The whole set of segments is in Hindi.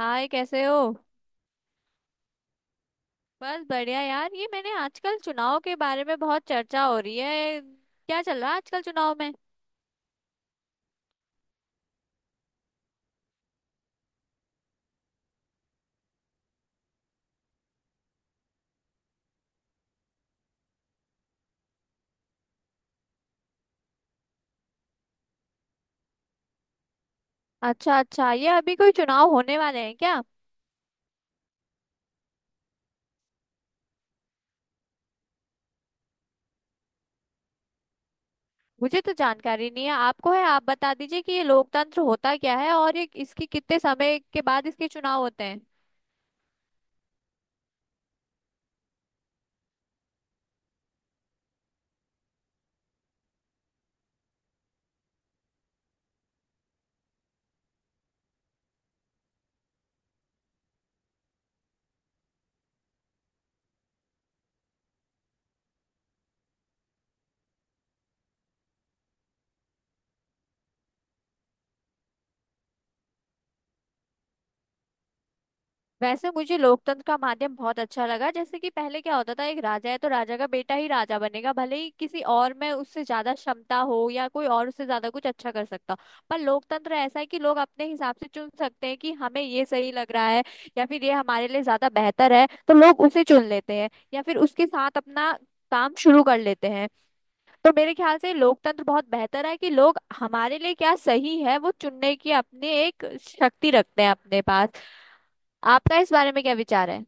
हाय, कैसे हो। बस बढ़िया यार। ये मैंने आजकल चुनाव के बारे में बहुत चर्चा हो रही है, क्या चल रहा है आजकल चुनाव में। अच्छा अच्छा, ये अभी कोई चुनाव होने वाले हैं क्या। मुझे तो जानकारी नहीं है, आपको है, आप बता दीजिए कि ये लोकतंत्र होता क्या है और ये इसके कितने समय के बाद इसके चुनाव होते हैं। वैसे मुझे लोकतंत्र का माध्यम बहुत अच्छा लगा, जैसे कि पहले क्या होता था, एक राजा है तो राजा का बेटा ही राजा बनेगा, भले ही किसी और में उससे ज्यादा क्षमता हो या कोई और उससे ज्यादा कुछ अच्छा कर सकता हो। पर लोकतंत्र ऐसा है कि लोग अपने हिसाब से चुन सकते हैं कि हमें ये सही लग रहा है या फिर ये हमारे लिए ज्यादा बेहतर है, तो लोग उसे चुन लेते हैं या फिर उसके साथ अपना काम शुरू कर लेते हैं। तो मेरे ख्याल से लोकतंत्र बहुत बेहतर है कि लोग हमारे लिए क्या सही है वो चुनने की अपनी एक शक्ति रखते हैं अपने पास। आपका इस बारे में क्या विचार है।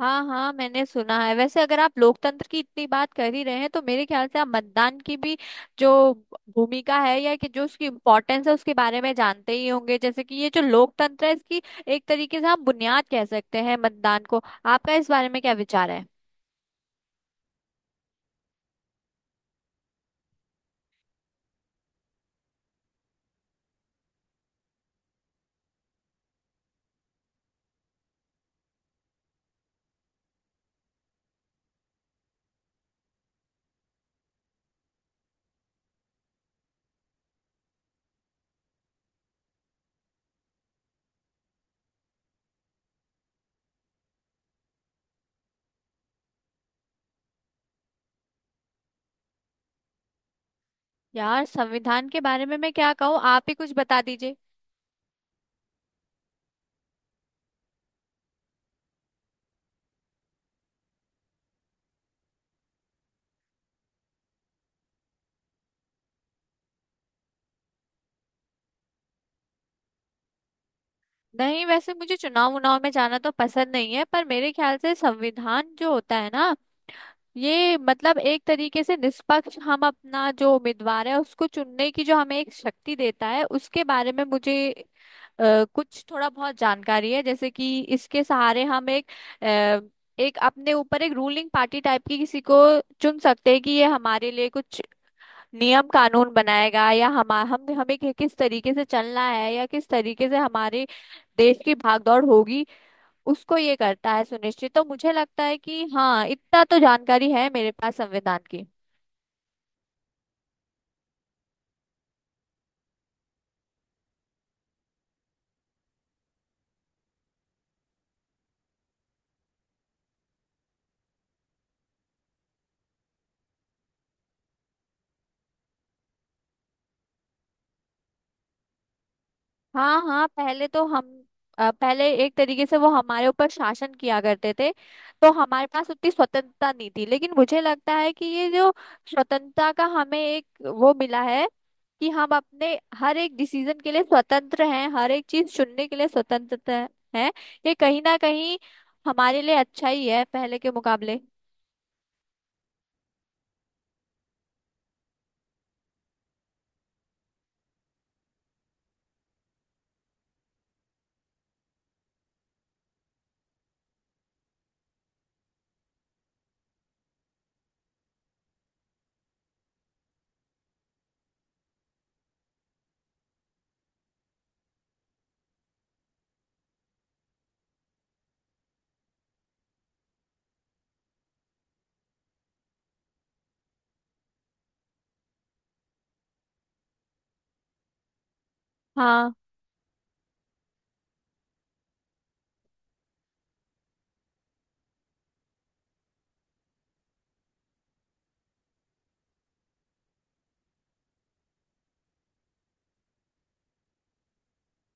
हाँ हाँ, मैंने सुना है। वैसे अगर आप लोकतंत्र की इतनी बात कर ही रहे हैं तो मेरे ख्याल से आप मतदान की भी जो भूमिका है या कि जो उसकी इम्पोर्टेंस है उसके बारे में जानते ही होंगे। जैसे कि ये जो लोकतंत्र है इसकी एक तरीके से हम बुनियाद कह सकते हैं मतदान को। आपका इस बारे में क्या विचार है। यार संविधान के बारे में मैं क्या कहूँ, आप ही कुछ बता दीजिए। नहीं, वैसे मुझे चुनाव उनाव में जाना तो पसंद नहीं है, पर मेरे ख्याल से संविधान जो होता है ना, ये मतलब एक तरीके से निष्पक्ष हम अपना जो उम्मीदवार है उसको चुनने की जो हमें एक शक्ति देता है, उसके बारे में मुझे कुछ थोड़ा बहुत जानकारी है। जैसे कि इसके सहारे हम एक अ, एक अपने ऊपर एक रूलिंग पार्टी टाइप की किसी को चुन सकते हैं कि ये हमारे लिए कुछ नियम कानून बनाएगा या हम हमें किस तरीके से चलना है या किस तरीके से हमारे देश की भागदौड़ होगी, उसको ये करता है सुनिश्चित। तो मुझे लगता है कि हाँ, इतना तो जानकारी है मेरे पास संविधान की। हाँ हाँ, पहले तो हम पहले एक तरीके से वो हमारे ऊपर शासन किया करते थे, तो हमारे पास उतनी स्वतंत्रता नहीं थी। लेकिन मुझे लगता है कि ये जो स्वतंत्रता का हमें एक वो मिला है कि हम अपने हर एक डिसीजन के लिए स्वतंत्र हैं, हर एक चीज चुनने के लिए स्वतंत्रता है। ये कहीं ना कहीं हमारे लिए अच्छा ही है पहले के मुकाबले। हाँ,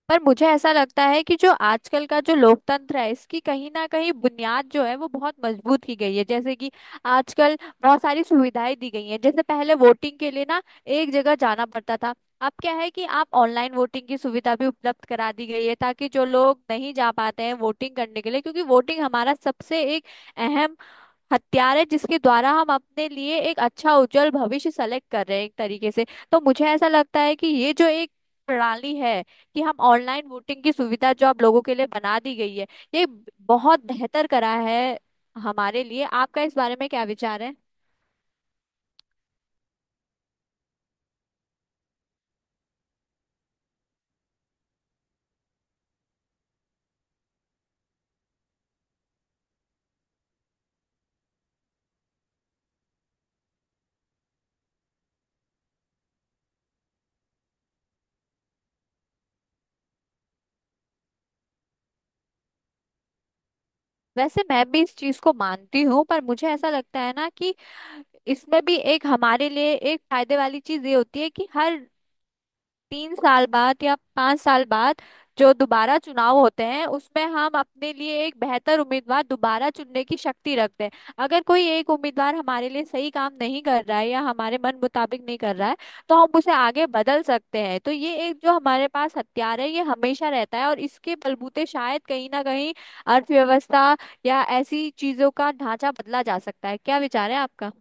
पर मुझे ऐसा लगता है कि जो आजकल का जो लोकतंत्र है इसकी कहीं ना कहीं बुनियाद जो है वो बहुत मजबूत की गई है। जैसे कि आजकल बहुत सारी सुविधाएं दी गई हैं। जैसे पहले वोटिंग के लिए ना एक जगह जाना पड़ता था, अब क्या है कि आप ऑनलाइन वोटिंग की सुविधा भी उपलब्ध करा दी गई है, ताकि जो लोग नहीं जा पाते हैं वोटिंग करने के लिए, क्योंकि वोटिंग हमारा सबसे एक अहम हथियार है जिसके द्वारा हम अपने लिए एक अच्छा उज्जवल भविष्य सेलेक्ट कर रहे हैं एक तरीके से। तो मुझे ऐसा लगता है कि ये जो एक प्रणाली है कि हम ऑनलाइन वोटिंग की सुविधा जो आप लोगों के लिए बना दी गई है, ये बहुत बेहतर करा है हमारे लिए। आपका इस बारे में क्या विचार है। वैसे मैं भी इस चीज को मानती हूँ, पर मुझे ऐसा लगता है ना कि इसमें भी एक हमारे लिए एक फायदे वाली चीज ये होती है कि हर तीन साल बाद या पांच साल बाद जो दोबारा चुनाव होते हैं उसमें हम अपने लिए एक बेहतर उम्मीदवार दोबारा चुनने की शक्ति रखते हैं। अगर कोई एक उम्मीदवार हमारे लिए सही काम नहीं कर रहा है या हमारे मन मुताबिक नहीं कर रहा है तो हम उसे आगे बदल सकते हैं। तो ये एक जो हमारे पास हथियार है ये हमेशा रहता है और इसके बलबूते शायद कहीं ना कहीं अर्थव्यवस्था या ऐसी चीजों का ढांचा बदला जा सकता है। क्या विचार है आपका।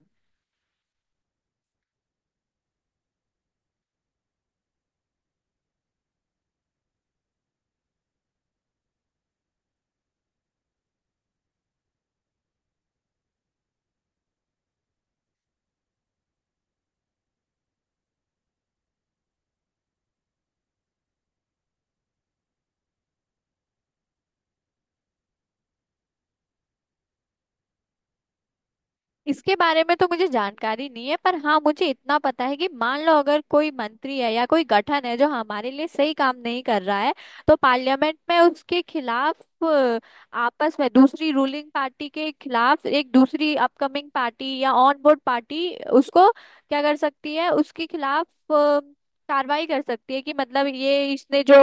इसके बारे में तो मुझे जानकारी नहीं है, पर हाँ मुझे इतना पता है कि मान लो अगर कोई मंत्री है या कोई गठन है जो हमारे लिए सही काम नहीं कर रहा है, तो पार्लियामेंट में उसके खिलाफ आपस में दूसरी रूलिंग पार्टी के खिलाफ एक दूसरी अपकमिंग पार्टी या ऑन बोर्ड पार्टी उसको क्या कर सकती है, उसके खिलाफ अ, कार्रवाई कर सकती है कि मतलब ये इसने जो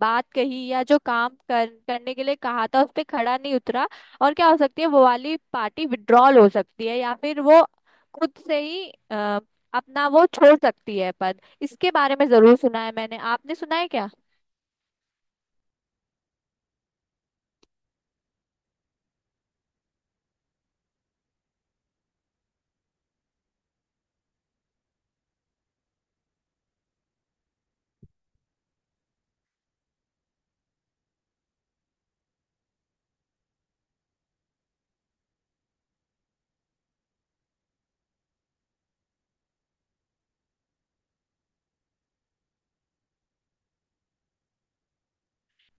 बात कही या जो काम कर करने के लिए कहा था उस पे खड़ा नहीं उतरा। और क्या हो सकती है, वो वाली पार्टी विड्रॉल हो सकती है या फिर वो खुद से ही अपना वो छोड़ सकती है पद। इसके बारे में जरूर सुना है मैंने, आपने सुना है क्या।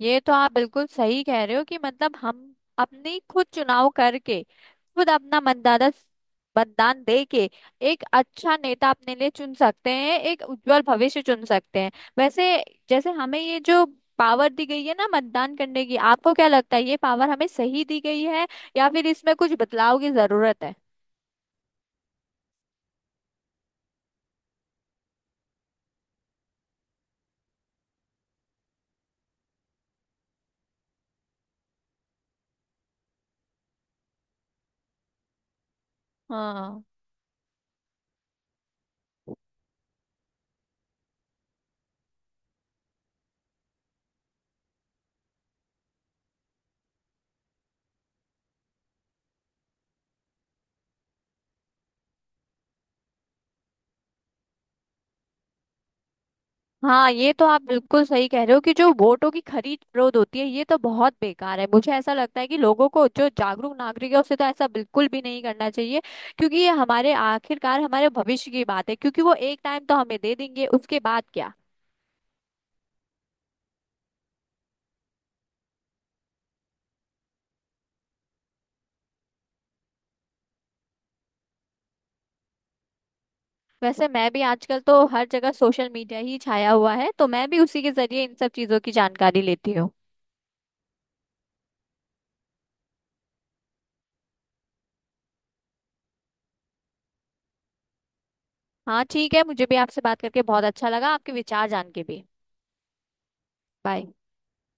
ये तो आप बिल्कुल सही कह रहे हो कि मतलब हम अपनी खुद चुनाव करके खुद अपना मतदाता मतदान दे के एक अच्छा नेता अपने लिए चुन सकते हैं, एक उज्जवल भविष्य चुन सकते हैं। वैसे जैसे हमें ये जो पावर दी गई है ना मतदान करने की, आपको क्या लगता है ये पावर हमें सही दी गई है या फिर इसमें कुछ बदलाव की जरूरत है। हाँ हाँ, ये तो आप बिल्कुल सही कह रहे हो कि जो वोटों की खरीद फरोख्त होती है ये तो बहुत बेकार है। मुझे ऐसा लगता है कि लोगों को जो जागरूक नागरिक है उसे तो ऐसा बिल्कुल भी नहीं करना चाहिए, क्योंकि ये हमारे आखिरकार हमारे भविष्य की बात है, क्योंकि वो एक टाइम तो हमें दे देंगे, उसके बाद क्या। वैसे मैं भी आजकल तो हर जगह सोशल मीडिया ही छाया हुआ है, तो मैं भी उसी के जरिए इन सब चीजों की जानकारी लेती हूँ। हाँ ठीक है, मुझे भी आपसे बात करके बहुत अच्छा लगा, आपके विचार जान के भी। बाय।